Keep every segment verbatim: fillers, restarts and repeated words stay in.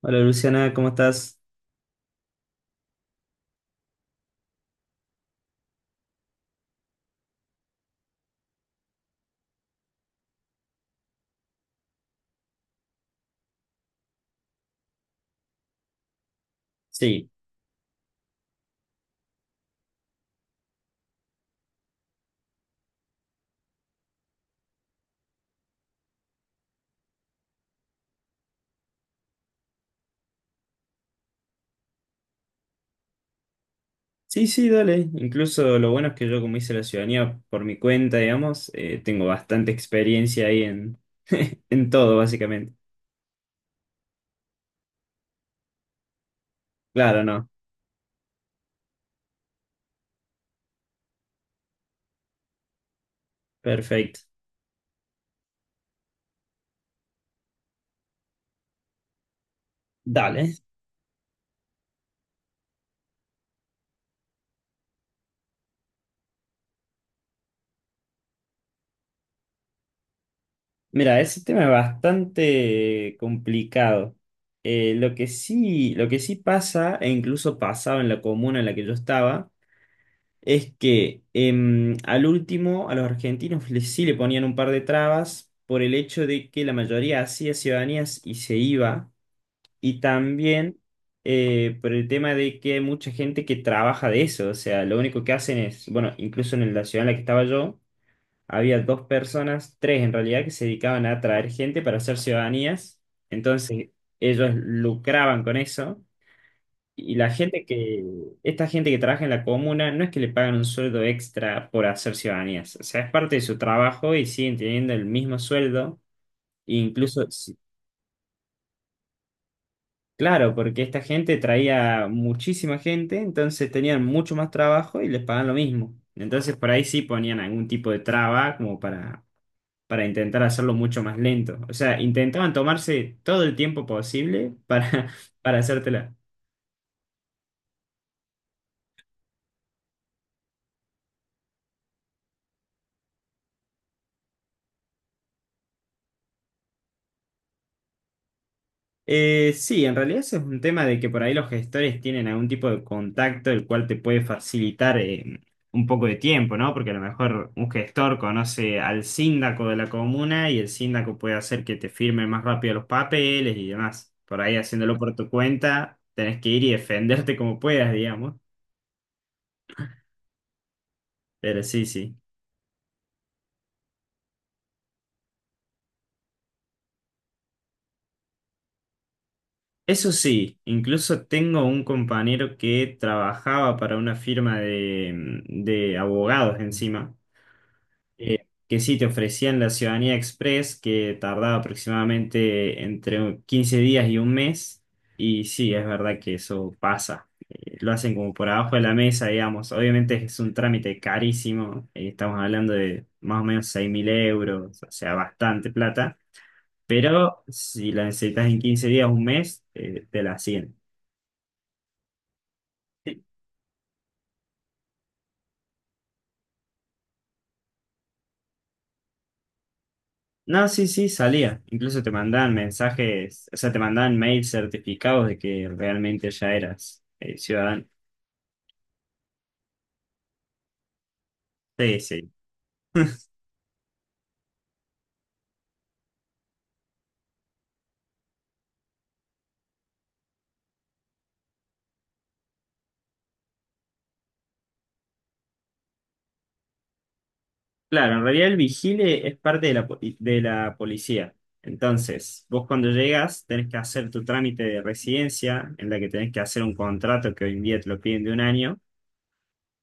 Hola Luciana, ¿cómo estás? Sí, sí, sí, dale. Incluso lo bueno es que yo como hice la ciudadanía por mi cuenta, digamos, eh, tengo bastante experiencia ahí en, en todo, básicamente. Claro, no. Perfecto. Dale. Mira, ese tema es bastante complicado. Eh, lo que sí, lo que sí pasa, e incluso pasaba en la comuna en la que yo estaba, es que em, al último a los argentinos les, sí le ponían un par de trabas por el hecho de que la mayoría hacía ciudadanías y se iba, y también eh, por el tema de que hay mucha gente que trabaja de eso, o sea, lo único que hacen es, bueno, incluso en la ciudad en la que estaba yo, había dos personas, tres en realidad, que se dedicaban a traer gente para hacer ciudadanías, entonces ellos lucraban con eso. Y la gente que, esta gente que trabaja en la comuna, no es que le pagan un sueldo extra por hacer ciudadanías, o sea, es parte de su trabajo y siguen teniendo el mismo sueldo, e incluso, si- claro, porque esta gente traía muchísima gente, entonces tenían mucho más trabajo y les pagan lo mismo. Entonces por ahí sí ponían algún tipo de traba como para, para intentar hacerlo mucho más lento. O sea, intentaban tomarse todo el tiempo posible para, para hacértela. Eh, sí, en realidad ese es un tema de que por ahí los gestores tienen algún tipo de contacto el cual te puede facilitar eh, un poco de tiempo, ¿no? Porque a lo mejor un gestor conoce al síndaco de la comuna y el síndaco puede hacer que te firme más rápido los papeles y demás. Por ahí haciéndolo por tu cuenta, tenés que ir y defenderte como puedas, digamos. Pero sí, sí. Eso sí, incluso tengo un compañero que trabajaba para una firma de, de abogados encima. eh, que sí te ofrecían la ciudadanía express, que tardaba aproximadamente entre quince días y un mes. Y sí, es verdad que eso pasa. Eh, lo hacen como por abajo de la mesa, digamos. Obviamente es un trámite carísimo. Eh, estamos hablando de más o menos seis mil euros, o sea, bastante plata. Pero si la necesitas en quince días, un mes, eh, te la hacen. No, sí, sí, salía. Incluso te mandaban mensajes, o sea, te mandaban mails certificados de que realmente ya eras eh, ciudadano. Sí, sí. Claro, en realidad el vigile es parte de la, po- de la policía. Entonces, vos cuando llegas tenés que hacer tu trámite de residencia, en la que tenés que hacer un contrato que hoy en día te lo piden de un año.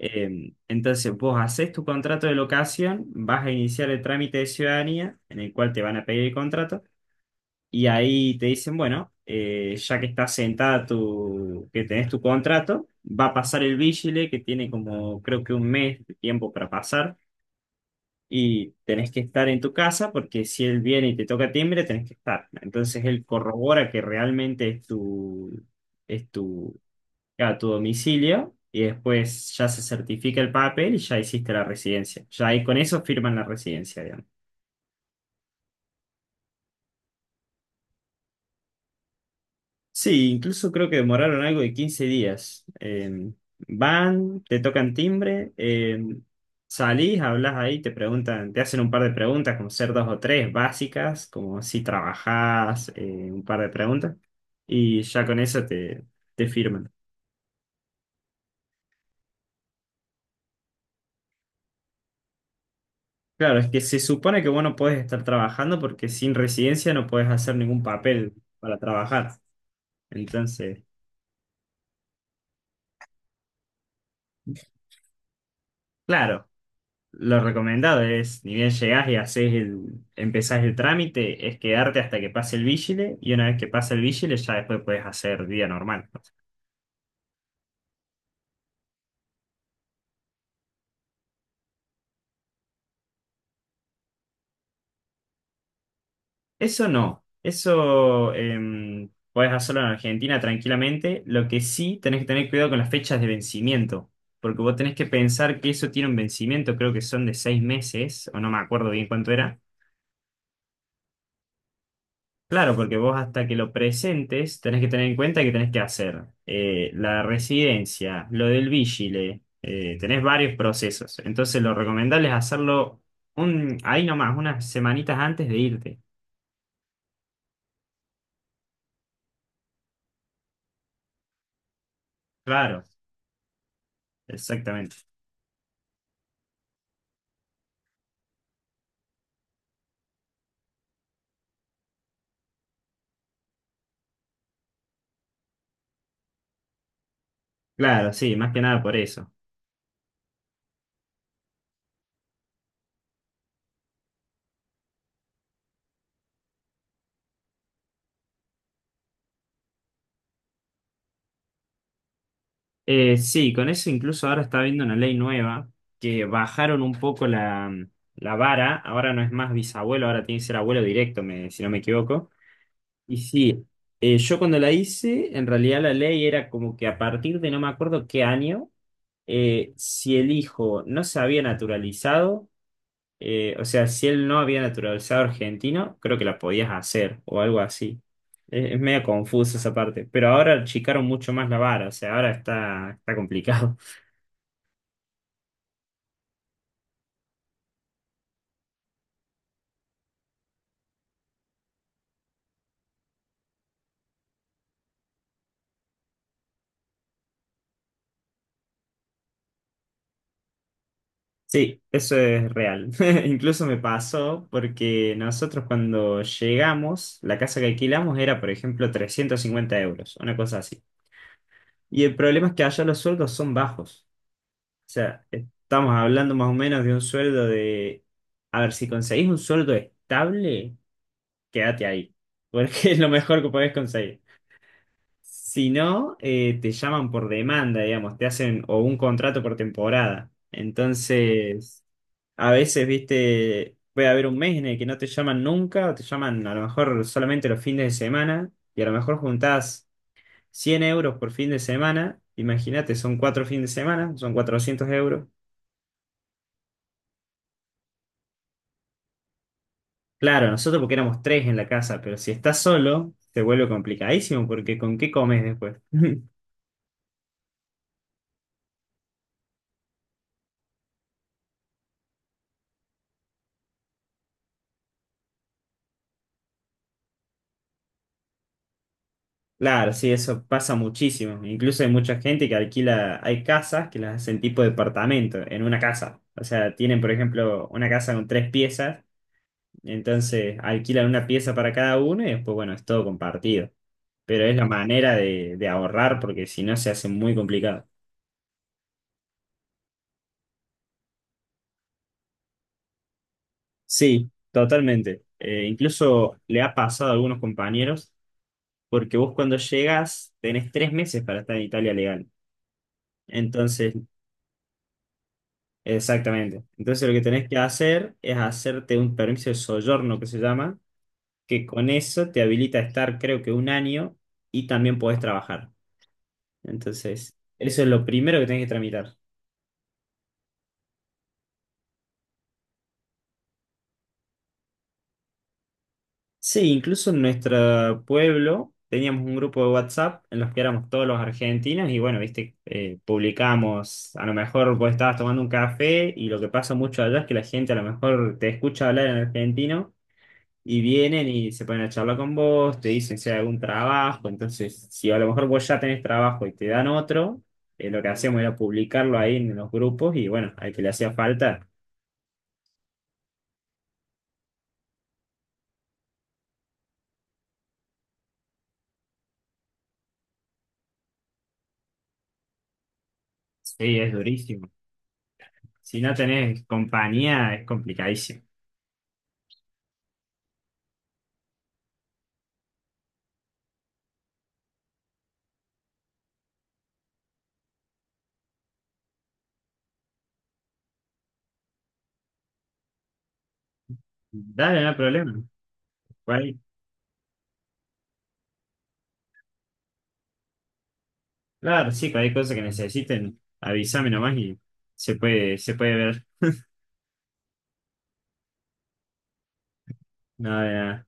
Eh, entonces, vos haces tu contrato de locación, vas a iniciar el trámite de ciudadanía, en el cual te van a pedir el contrato. Y ahí te dicen, bueno, eh, ya que estás sentada tu, que tenés tu contrato, va a pasar el vigile, que tiene como creo que un mes de tiempo para pasar, y tenés que estar en tu casa porque si él viene y te toca timbre, tenés que estar. Entonces él corrobora que realmente es tu, es tu, a tu domicilio, y después ya se certifica el papel y ya hiciste la residencia. Ya ahí con eso firman la residencia, digamos. Sí, incluso creo que demoraron algo de quince días. Eh, van, te tocan timbre, eh, salís, hablas ahí, te preguntan, te hacen un par de preguntas, como ser dos o tres básicas, como si trabajás, eh, un par de preguntas, y ya con eso te, te firman. Claro, es que se supone que vos no podés estar trabajando porque sin residencia no podés hacer ningún papel para trabajar. Entonces, claro, lo recomendado es, ni bien llegás y haces el, empezás el trámite, es quedarte hasta que pase el vigile y una vez que pasa el vigile ya después puedes hacer día normal. Eso no, eso puedes podés hacerlo en Argentina tranquilamente, lo que sí tenés que tener cuidado con las fechas de vencimiento, porque vos tenés que pensar que eso tiene un vencimiento, creo que son de seis meses, o no me acuerdo bien cuánto era. Claro, porque vos hasta que lo presentes tenés que tener en cuenta que tenés que hacer eh, la residencia, lo del vigile, eh, tenés varios procesos. Entonces lo recomendable es hacerlo un, ahí nomás, unas semanitas antes de irte. Claro, exactamente. Claro, sí, más que nada por eso. Eh, sí, con eso incluso ahora está habiendo una ley nueva que bajaron un poco la, la vara, ahora no es más bisabuelo, ahora tiene que ser abuelo directo, me- si no me equivoco. Y sí, eh, yo cuando la hice, en realidad la ley era como que a partir de no me acuerdo qué año, eh, si el hijo no se había naturalizado, eh, o sea, si él no había naturalizado argentino, creo que la podías hacer o algo así. Es, es medio confuso esa parte, pero ahora achicaron mucho más la vara, o sea, ahora está, está complicado. Sí, eso es real. Incluso me pasó porque nosotros cuando llegamos, la casa que alquilamos era, por ejemplo, trescientos cincuenta euros, una cosa así. Y el problema es que allá los sueldos son bajos. O sea, estamos hablando más o menos de un sueldo de... A ver, si conseguís un sueldo estable, quédate ahí, porque es lo mejor que podés conseguir. Si no, eh, te llaman por demanda, digamos, te hacen o un contrato por temporada. Entonces, a veces, viste, puede haber un mes en el que no te llaman nunca, o te llaman a lo mejor solamente los fines de semana, y a lo mejor juntás cien euros por fin de semana, imagínate, son cuatro fines de semana, son cuatrocientos euros. Claro, nosotros porque éramos tres en la casa, pero si estás solo, te vuelve complicadísimo porque ¿con qué comes después? Claro, sí, eso pasa muchísimo. Incluso hay mucha gente que alquila, hay casas que las hacen tipo departamento en una casa. O sea, tienen, por ejemplo, una casa con tres piezas, entonces alquilan una pieza para cada uno y después, bueno, es todo compartido. Pero es la manera de, de ahorrar porque si no se hace muy complicado. Sí, totalmente. Eh, incluso le ha pasado a algunos compañeros, porque vos cuando llegas tenés tres meses para estar en Italia legal. Entonces, exactamente. Entonces lo que tenés que hacer es hacerte un permiso de soggiorno que se llama, que con eso te habilita a estar creo que un año y también podés trabajar. Entonces, eso es lo primero que tenés que tramitar. Sí, incluso en nuestro pueblo teníamos un grupo de WhatsApp en los que éramos todos los argentinos y bueno, viste, eh, publicamos, a lo mejor vos estabas tomando un café y lo que pasa mucho allá es que la gente a lo mejor te escucha hablar en argentino y vienen y se ponen a charlar con vos, te dicen si hay algún trabajo, entonces si a lo mejor vos ya tenés trabajo y te dan otro, eh, lo que hacíamos era publicarlo ahí en los grupos y bueno, al que le hacía falta, sí, es durísimo. Si no tenés compañía, es complicadísimo. Dale, no hay problema. Cual- claro, sí, cualquier cosa que necesiten, avísame nomás y se puede, se puede ver. Nada,